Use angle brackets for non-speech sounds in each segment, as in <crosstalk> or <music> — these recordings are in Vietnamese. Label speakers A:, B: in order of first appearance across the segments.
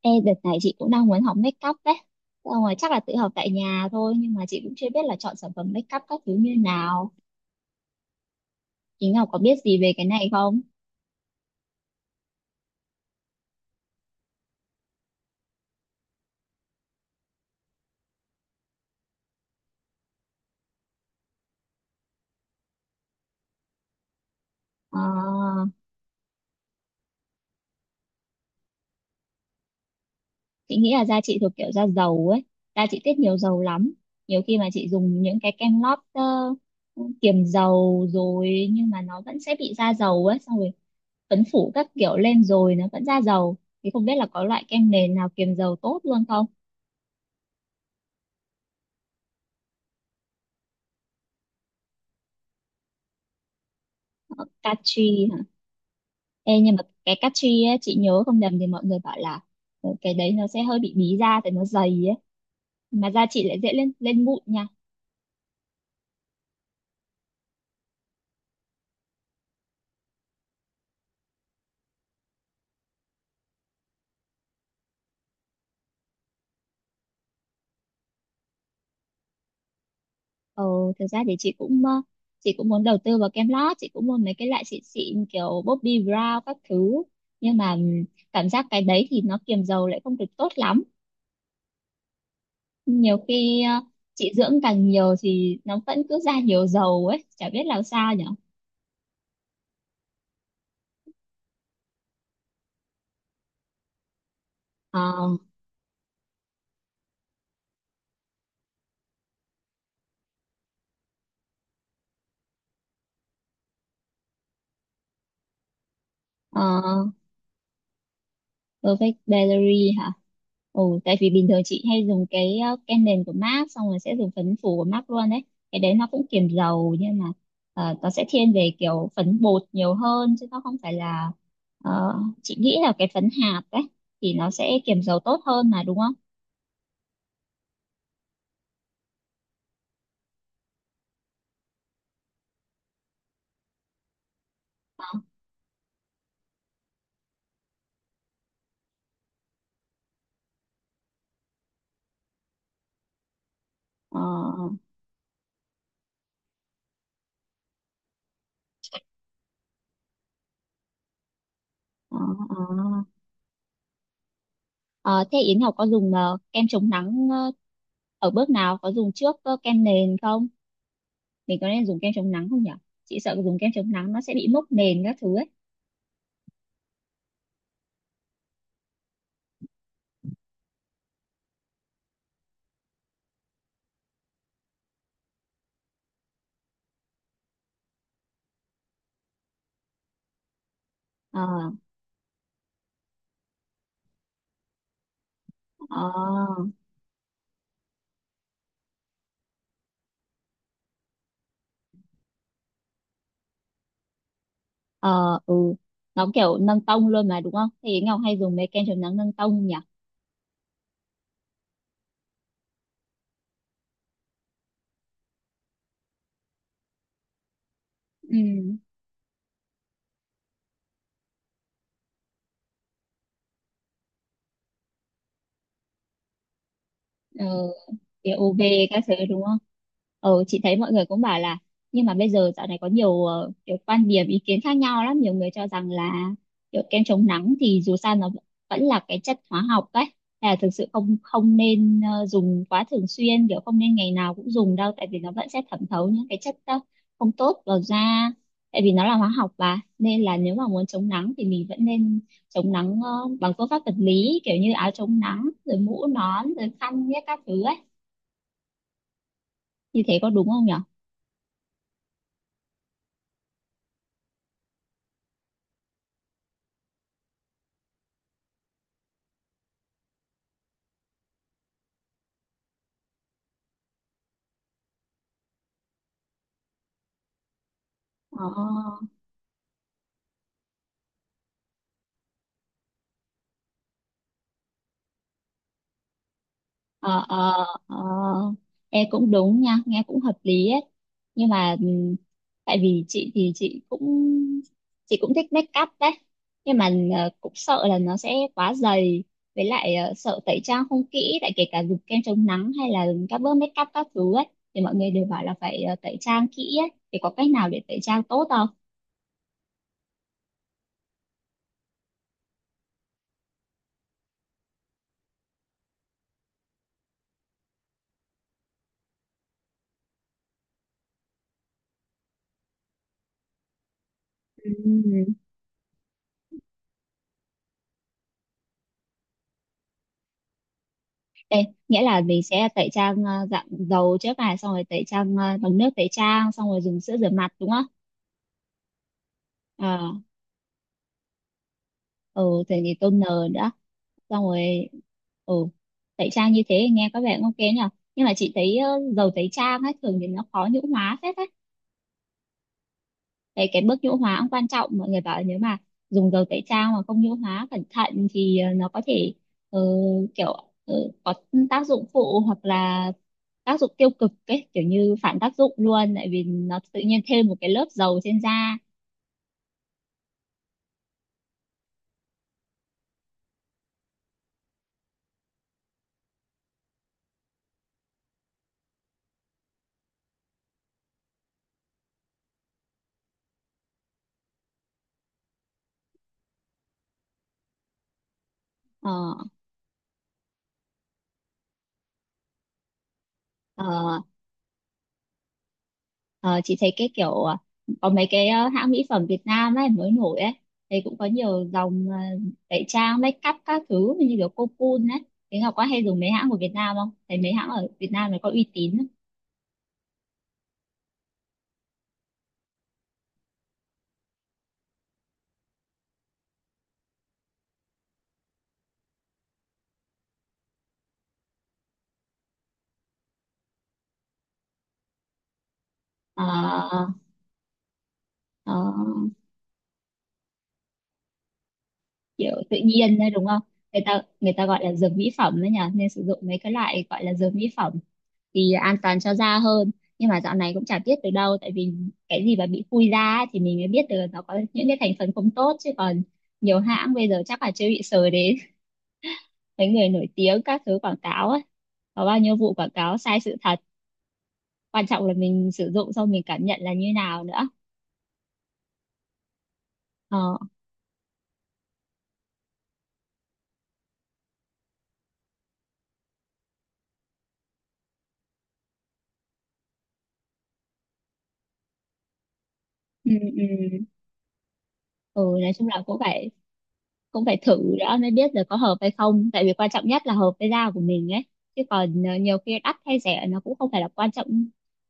A: Ê, đợt này chị cũng đang muốn học make up đấy. Xong rồi chắc là tự học tại nhà thôi, nhưng mà chị cũng chưa biết là chọn sản phẩm make up các thứ như nào. Chị Ngọc có biết gì về cái này không? Ờ, chị nghĩ là da chị thuộc kiểu da dầu ấy. Da chị tiết nhiều dầu lắm. Nhiều khi mà chị dùng những cái kem lót kiềm dầu rồi nhưng mà nó vẫn sẽ bị da dầu ấy. Xong rồi phấn phủ các kiểu lên rồi nó vẫn da dầu. Thì không biết là có loại kem nền nào kiềm dầu tốt luôn không? Ờ, Catchy. Ê, nhưng mà cái castri á, chị nhớ không nhầm thì mọi người bảo là cái đấy nó sẽ hơi bị bí da tại nó dày ấy. Mà da chị lại dễ lên lên mụn nha. Ờ, Thực ra thì chị cũng muốn đầu tư vào kem lót, chị cũng mua mấy cái loại xịn xịn kiểu Bobbi Brown các thứ. Nhưng mà cảm giác cái đấy thì nó kiềm dầu lại không được tốt lắm. Nhiều khi chị dưỡng càng nhiều thì nó vẫn cứ ra nhiều dầu ấy, chả biết làm sao nhở. Ờ, ờ. Perfect Diary hả? Ồ, tại vì bình thường chị hay dùng cái kem nền của MAC xong rồi sẽ dùng phấn phủ của MAC luôn đấy. Cái đấy nó cũng kiềm dầu nhưng mà nó sẽ thiên về kiểu phấn bột nhiều hơn chứ nó không phải là ờ, chị nghĩ là cái phấn hạt đấy thì nó sẽ kiềm dầu tốt hơn mà đúng không? Ờ, ờ, ờ. Ờ, Ờ, Thế Yến Ngọc có dùng kem chống nắng ở bước nào? Có dùng trước kem nền không? Mình có nên dùng kem chống nắng không nhỉ? Chị sợ dùng kem chống nắng nó sẽ bị mốc nền các thứ ấy. Ờ, ờ, ờ, ừ, nó kiểu nâng tông luôn mà đúng không? Thì Ngọc hay dùng mấy kem chống nắng nâng tông nhỉ? Ừ, ờ, POV các thứ đúng không? Ừ, chị thấy mọi người cũng bảo là nhưng mà bây giờ dạo này có nhiều kiểu quan điểm ý kiến khác nhau lắm, nhiều người cho rằng là kiểu kem chống nắng thì dù sao nó vẫn vẫn là cái chất hóa học đấy, là thực sự không không nên dùng quá thường xuyên, kiểu không nên ngày nào cũng dùng đâu tại vì nó vẫn sẽ thẩm thấu những cái chất không tốt vào da tại vì nó là hóa học mà, nên là nếu mà muốn chống nắng thì mình vẫn nên chống nắng bằng phương pháp vật lý kiểu như áo chống nắng rồi mũ nón rồi khăn nhé các thứ ấy, như thế có đúng không nhở? ờ ờ ờ ờ em cũng đúng nha, nghe cũng hợp lý ấy, nhưng mà tại vì chị thì chị cũng thích make up đấy, nhưng mà cũng sợ là nó sẽ quá dày, với lại sợ tẩy trang không kỹ tại kể cả dùng kem chống nắng hay là dùng các bước make up các thứ ấy thì mọi người đều bảo là phải tẩy trang kỹ ấy, thì có cách nào để tẩy trang tốt không? Ừ, Ê, nghĩa là mình sẽ tẩy trang dạng dầu trước này xong rồi tẩy trang bằng nước tẩy trang xong rồi dùng sữa rửa mặt đúng không? Ờ, ừ, thì toner nữa, xong rồi, ừ, tẩy trang như thế nghe có vẻ cũng ok nhỉ? Nhưng mà chị thấy dầu tẩy trang ấy thường thì nó khó nhũ hóa phết á. Đấy, cái bước nhũ hóa cũng quan trọng, mọi người bảo là nếu mà dùng dầu tẩy trang mà không nhũ hóa cẩn thận thì nó có thể ờ, kiểu ờ, có tác dụng phụ hoặc là tác dụng tiêu cực ấy, kiểu như phản tác dụng luôn tại vì nó tự nhiên thêm một cái lớp dầu trên da. ờ, ờ, ờ, chị thấy cái kiểu có mấy cái hãng mỹ phẩm Việt Nam ấy mới nổi ấy thì cũng có nhiều dòng tẩy trang make up các thứ như kiểu Cocoon ấy, thế Ngọc có hay dùng mấy hãng của Việt Nam không, thấy mấy hãng ở Việt Nam này có uy tín không? Ờ, ờ, Kiểu tự nhiên đấy đúng không, người ta gọi là dược mỹ phẩm đấy nhỉ, nên sử dụng mấy cái loại gọi là dược mỹ phẩm thì an toàn cho da hơn, nhưng mà dạo này cũng chả biết từ đâu, tại vì cái gì mà bị phui da ấy, thì mình mới biết được nó có những cái thành phần không tốt chứ còn nhiều hãng bây giờ chắc là chưa bị sờ đến <laughs> mấy người nổi tiếng các thứ quảng cáo ấy, có bao nhiêu vụ quảng cáo sai sự thật, quan trọng là mình sử dụng xong mình cảm nhận là như nào nữa. ờ ừ ừ ừ nói chung là cũng phải thử đã mới biết là có hợp hay không, tại vì quan trọng nhất là hợp với da của mình ấy, chứ còn nhiều khi đắt hay rẻ nó cũng không phải là quan trọng,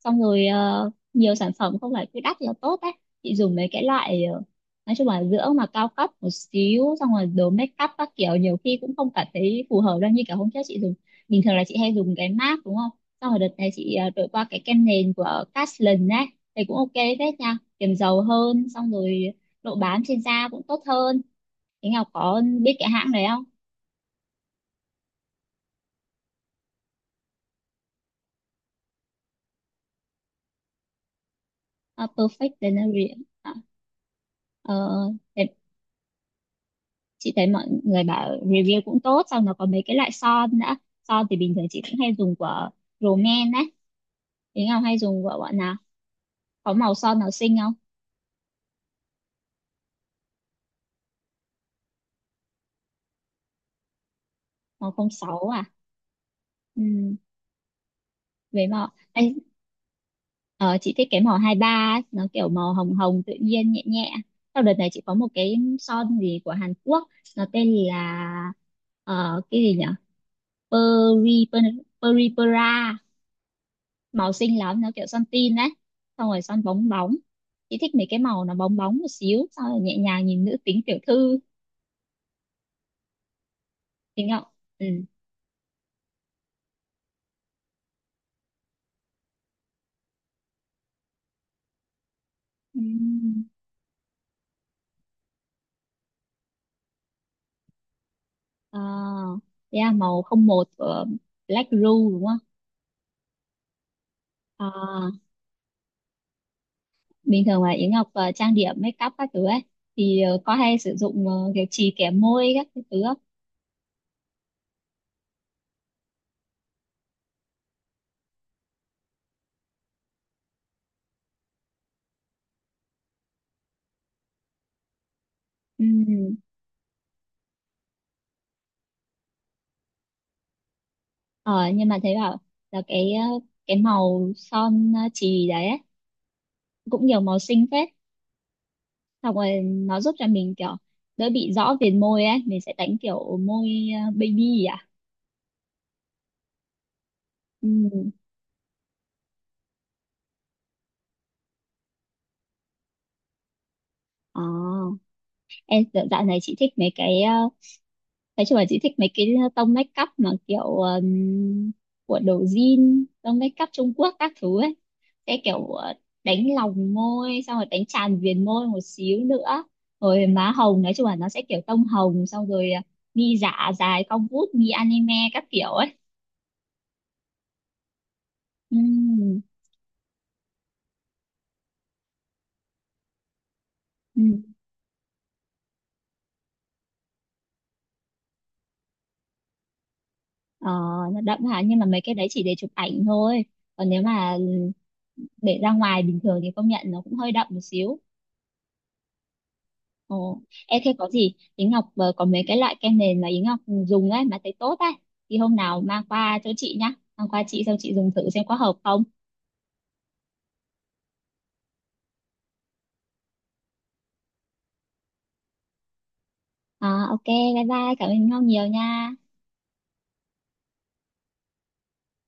A: xong rồi nhiều sản phẩm không phải cứ đắt là tốt ấy. Chị dùng mấy cái loại nói chung là dưỡng mà cao cấp một xíu xong rồi đồ make up các kiểu nhiều khi cũng không cảm thấy phù hợp đâu, như kiểu hôm trước chị dùng bình thường là chị hay dùng cái MAC đúng không, xong rồi đợt này chị đổi qua cái kem nền của Caslin ấy thì cũng ok phết nha, kiềm dầu hơn, xong rồi độ bám trên da cũng tốt hơn. Thế Ngọc có biết cái hãng đấy không? À, Perfect Delivery. À, ờ, thế chị thấy mọi người bảo review cũng tốt, xong nó có mấy cái loại son nữa. Son thì bình thường chị cũng hay dùng của Romaine ấy. Thế Ngọc hay dùng của bọn nào? Có màu son nào xinh không? Màu 06 à? Ừ, với màu... Ê, Ờ, chị thích cái màu 23 nó kiểu màu hồng hồng tự nhiên nhẹ nhẹ, sau đợt này chị có một cái son gì của Hàn Quốc, nó tên là cái gì nhở, Peripera, màu xinh lắm, nó kiểu son tin đấy, xong rồi son bóng bóng, chị thích mấy cái màu nó bóng bóng một xíu xong rồi nhẹ nhàng nhìn nữ tính tiểu thư tính không? Ừ, Ừm. Ờ, thế à, màu 01 của Black Rose đúng không? Ờ, bình thường mà Yến Ngọc trang điểm make up các thứ ấy thì có hay sử dụng kiểu chì kẻ môi các cái thứ không? Ừm, Ờ, nhưng mà thấy bảo là cái cái màu son chì đấy ấy, cũng nhiều màu xinh phết, xong rồi nó giúp cho mình kiểu đỡ bị rõ viền môi ấy, mình sẽ đánh kiểu môi baby à. Ừm, ờ. Em, dạo dạo này chị thích mấy cái nói chung là chị thích mấy cái tông make up mà kiểu của đồ jean tông make up Trung Quốc các thứ ấy, sẽ kiểu đánh lòng môi xong rồi đánh tràn viền môi một xíu nữa, rồi má hồng nói chung là nó sẽ kiểu tông hồng xong rồi mi giả dài cong vút mi anime các kiểu ấy. Ừm, ừm. Ờ, nó đậm hả, nhưng mà mấy cái đấy chỉ để chụp ảnh thôi còn nếu mà để ra ngoài bình thường thì công nhận nó cũng hơi đậm một xíu. Ồ, em, thế có gì Yến Ngọc có mấy cái loại kem nền mà Yến Ngọc dùng ấy mà thấy tốt ấy thì hôm nào mang qua chỗ chị nhá, mang qua chị xong chị dùng thử xem có hợp không. À, ok, bye bye, cảm ơn Yến Ngọc nhiều nha.